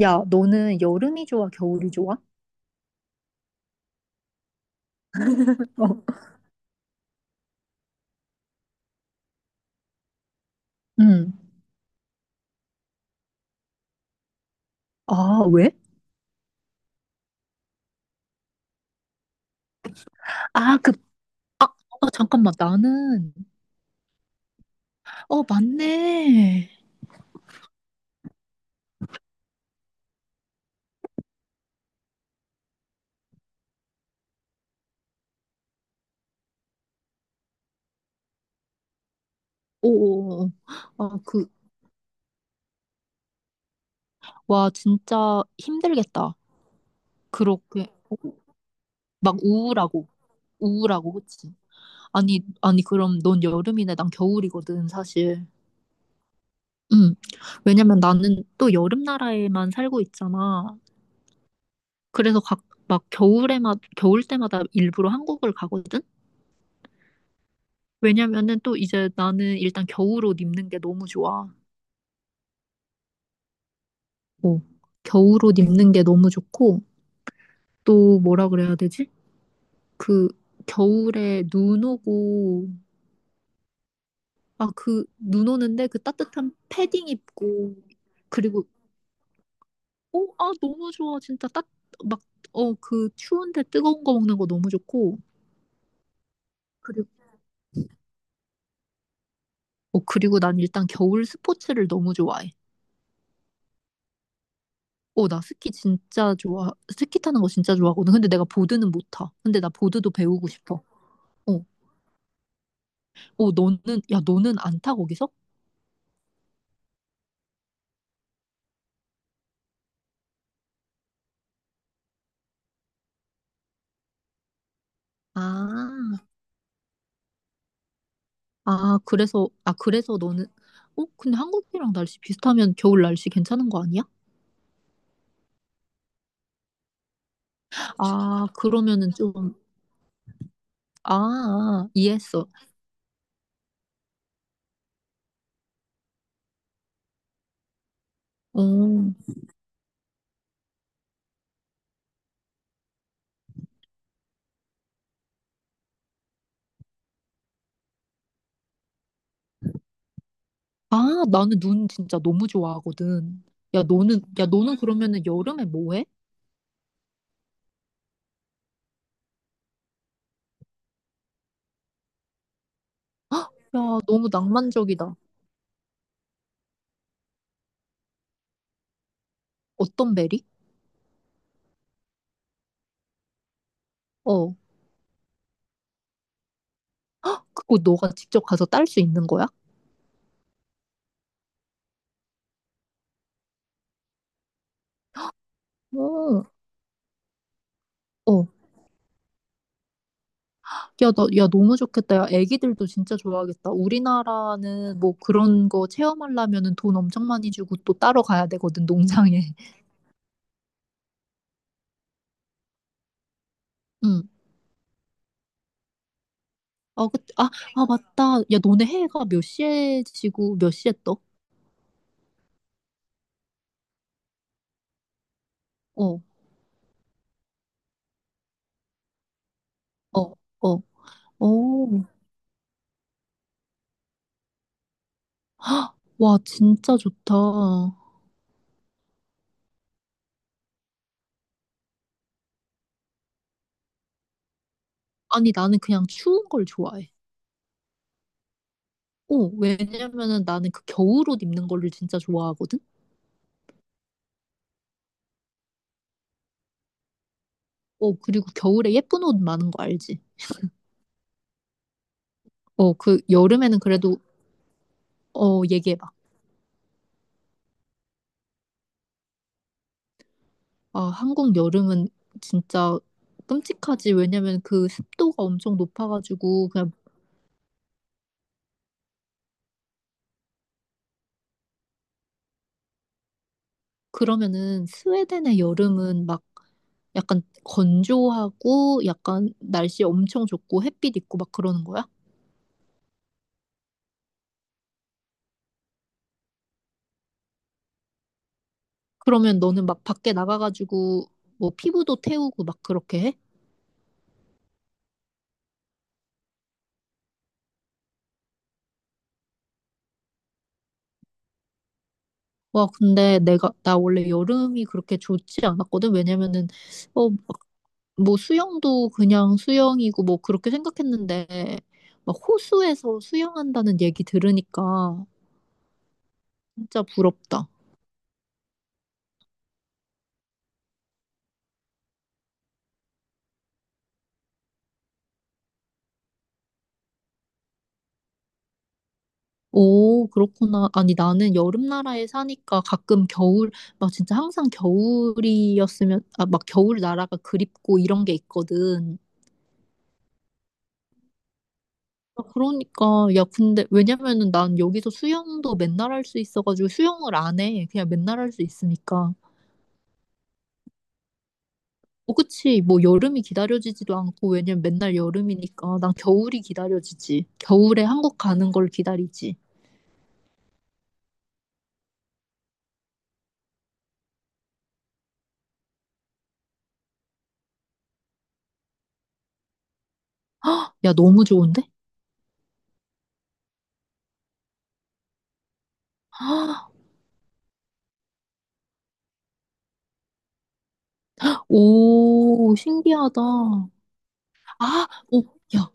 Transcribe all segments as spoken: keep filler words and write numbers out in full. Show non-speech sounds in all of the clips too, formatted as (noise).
야, 너는 여름이 좋아, 겨울이 좋아? (laughs) 어, 응. 아, 왜? 아, 그, 어, 잠깐만, 나는, 어, 맞네. 오, 아, 그, 와, 진짜 힘들겠다. 그렇게, 막 우울하고, 우울하고, 그치? 아니, 아니, 그럼 넌 여름이네, 난 겨울이거든, 사실. 응. 왜냐면 나는 또 여름 나라에만 살고 있잖아. 그래서 각, 막 겨울에만, 겨울 때마다 일부러 한국을 가거든? 왜냐면은 또 이제 나는 일단 겨울옷 입는 게 너무 좋아. 어. 겨울옷 입는 게 너무 좋고, 또 뭐라 그래야 되지? 그 겨울에 눈 오고, 아, 그 눈 오는데 그 따뜻한 패딩 입고, 그리고, 어, 아, 너무 좋아. 진짜 따, 막, 어, 그 추운데 뜨거운 거 먹는 거 너무 좋고, 그리고, 어, 그리고 난 일단 겨울 스포츠를 너무 좋아해. 어, 나 스키 진짜 좋아. 스키 타는 거 진짜 좋아하거든. 근데 내가 보드는 못 타. 근데 나 보드도 배우고 싶어. 어, 어, 너는, 야, 너는 안 타, 거기서? 아, 아, 그래서, 아, 그래서 너는, 어, 근데 한국이랑 날씨 비슷하면 겨울 날씨 괜찮은 거 아니야? 아, 그러면은 좀, 아, 아, 이해했어. 어, 아, 나는 눈 진짜 너무 좋아하거든. 야, 너는, 야, 너는 그러면은 여름에 뭐 해? 야, 너무 낭만적이다. 어떤 베리? 어, 그거 너가 직접 가서 딸 수 있는 거야? 어, 어. 야, 나, 야, 너무 좋겠다. 야, 애기들도 진짜 좋아하겠다. 우리나라는 뭐 그런 거 체험하려면은 돈 엄청 많이 주고 또 따로 가야 되거든, 농장에. (laughs) 응. 아, 그, 아, 아, 맞다. 야, 너네 해가 몇 시에 지고 몇 시에 떠? 어, 어, 어, 어. 와, 진짜 좋다. 아니, 나는 그냥 추운 걸 좋아해. 어, 왜냐면은 나는 그 겨울 옷 입는 거를 진짜 좋아하거든? 어, 그리고 겨울에 예쁜 옷 많은 거 알지? 어, 그 여름에는 그래도, 어, 얘기해봐. 아, 한국 여름은 진짜 끔찍하지. 왜냐면 그 습도가 엄청 높아가지고, 그냥, 그러면은 스웨덴의 여름은 막 약간 건조하고, 약간 날씨 엄청 좋고, 햇빛 있고 막 그러는 거야? 그러면 너는 막 밖에 나가가지고, 뭐 피부도 태우고 막 그렇게 해? 와, 근데 내가, 나 원래 여름이 그렇게 좋지 않았거든? 왜냐면은, 어, 뭐 수영도 그냥 수영이고 뭐 그렇게 생각했는데 막 호수에서 수영한다는 얘기 들으니까 진짜 부럽다. 오, 그렇구나. 아니 나는 여름 나라에 사니까 가끔 겨울 막 진짜 항상 겨울이었으면 아 막 겨울 나라가 그립고 이런 게 있거든. 아, 그러니까 야 근데 왜냐면은 난 여기서 수영도 맨날 할 수 있어가지고 수영을 안 해. 그냥 맨날 할 수 있으니까. 어, 그치. 뭐 여름이 기다려지지도 않고, 왜냐면 맨날 여름이니까. 난 겨울이 기다려지지. 겨울에 한국 가는 걸 기다리지. 야, 너무 좋은데? (gasps) 오, 신기하다. 아, 오, 야.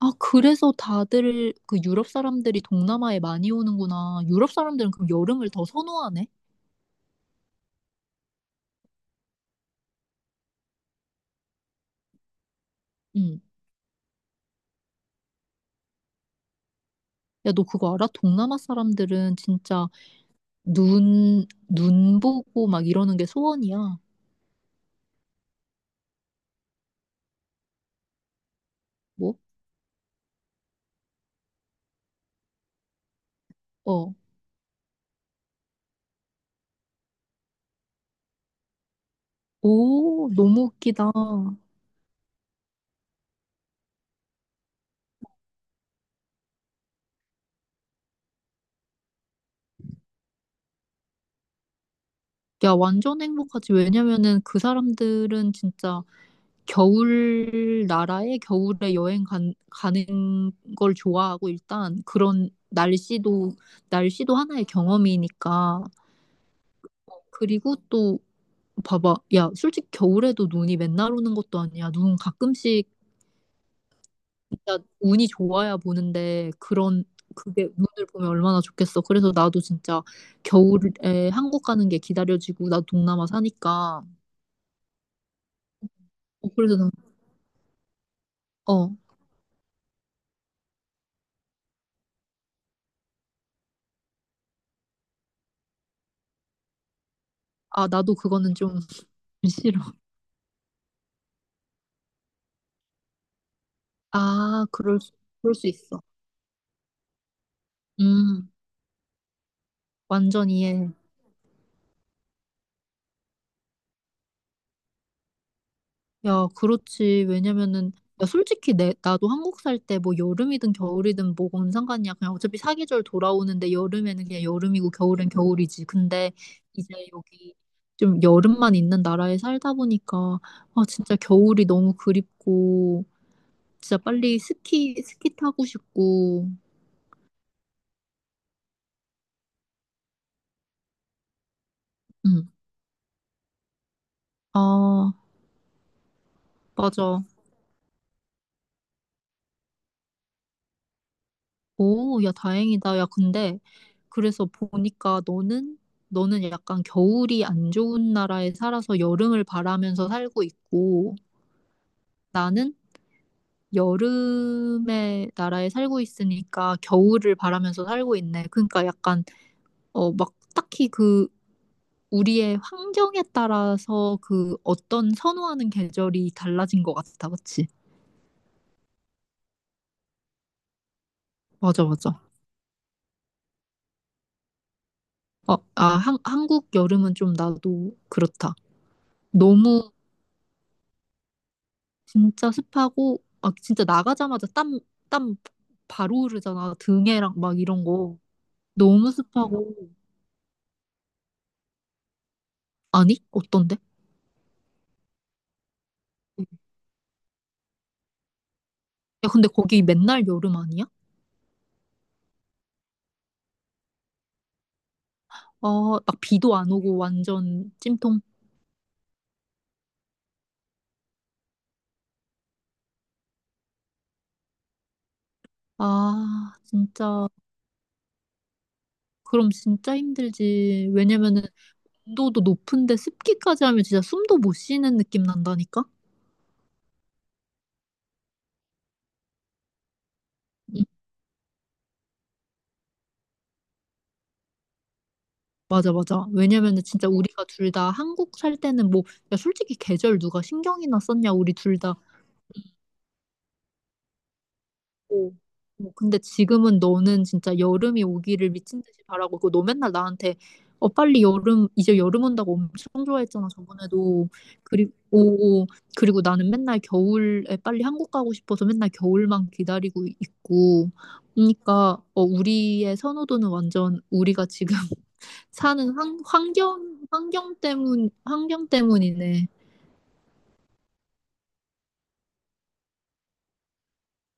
아, 그래서 다들 그 유럽 사람들이 동남아에 많이 오는구나. 유럽 사람들은 그럼 여름을 더 선호하네? 응. 야, 너 그거 알아? 동남아 사람들은 진짜 눈, 눈 보고 막 이러는 게 소원이야. 뭐? 어. 오, 너무 웃기다. 야, 완전 행복하지. 왜냐면은 그 사람들은 진짜 겨울 나라에 겨울에 여행 간, 가는 걸 좋아하고 일단 그런 날씨도 날씨도 하나의 경험이니까. 그리고 또 봐봐. 야, 솔직히 겨울에도 눈이 맨날 오는 것도 아니야. 눈 가끔씩 진짜 운이 좋아야 보는데 그런 그게 눈을 보면 얼마나 좋겠어. 그래서 나도 진짜 겨울에 한국 가는 게 기다려지고 나도 동남아 사니까 어, 그래서 난, 어 아, 나도 그거는 좀 (laughs) 싫어. 아, 그럴 수, 그럴 수 있어. 음, 완전 이해해. 야, 그렇지. 왜냐면은, 야, 솔직히 내, 나도 한국 살 때 뭐 여름이든 겨울이든 뭐뭔 상관이야. 그냥 어차피 사계절 돌아오는데 여름에는 그냥 여름이고 겨울엔 겨울이지. 근데 이제 여기 좀 여름만 있는 나라에 살다 보니까, 아, 진짜 겨울이 너무 그립고, 진짜 빨리 스키, 스키 타고 싶고, 음. 아, 맞아. 오, 야, 다행이다. 야, 근데, 그래서 보니까 너는, 너는 약간 겨울이 안 좋은 나라에 살아서 여름을 바라면서 살고 있고, 나는 여름의 나라에 살고 있으니까 겨울을 바라면서 살고 있네. 그러니까 약간, 어, 막 딱히 그, 우리의 환경에 따라서 그 어떤 선호하는 계절이 달라진 것 같다. 그치? 맞아, 맞아. 어, 아, 한, 한국 여름은 좀 나도 그렇다. 너무 진짜 습하고 아 진짜 나가자마자 땀 땀 바로 흐르잖아 등에랑 막 이런 거 너무 습하고 아니 어떤데? 야 근데 거기 맨날 여름 아니야? 아막 비도 안 오고 완전 찜통 아 진짜 그럼 진짜 힘들지 왜냐면은 온도도 높은데 습기까지 하면 진짜 숨도 못 쉬는 느낌 난다니까? 응, 맞아 맞아 왜냐면은 진짜 우리가 둘 다 한국 살 때는 뭐 야 솔직히 계절 누가 신경이나 썼냐 우리 둘다 오. 뭐 근데 지금은 너는 진짜 여름이 오기를 미친 듯이 바라고 있고 너 맨날 나한테 어 빨리 여름 이제 여름 온다고 엄청 좋아했잖아 저번에도 그리고 오, 그리고 나는 맨날 겨울에 빨리 한국 가고 싶어서 맨날 겨울만 기다리고 있고 그러니까 어 우리의 선호도는 완전 우리가 지금 (laughs) 사는 환, 환경 환경 때문 환경 때문이네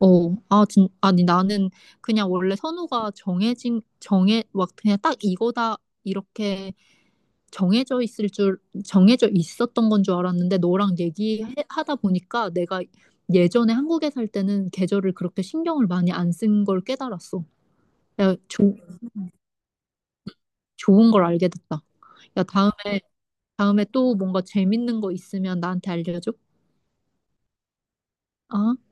어, 아, 진, 아니, 나는 그냥 원래 선호가 정해진, 정해, 막 그냥 딱 이거다, 이렇게 정해져 있을 줄, 정해져 있었던 건 줄 알았는데, 너랑 얘기하다 보니까 내가 예전에 한국에 살 때는 계절을 그렇게 신경을 많이 안 쓴 걸 깨달았어. 야, 조, 좋은 걸 알게 됐다. 야, 다음에, 다음에 또 뭔가 재밌는 거 있으면 나한테 알려줘. 아.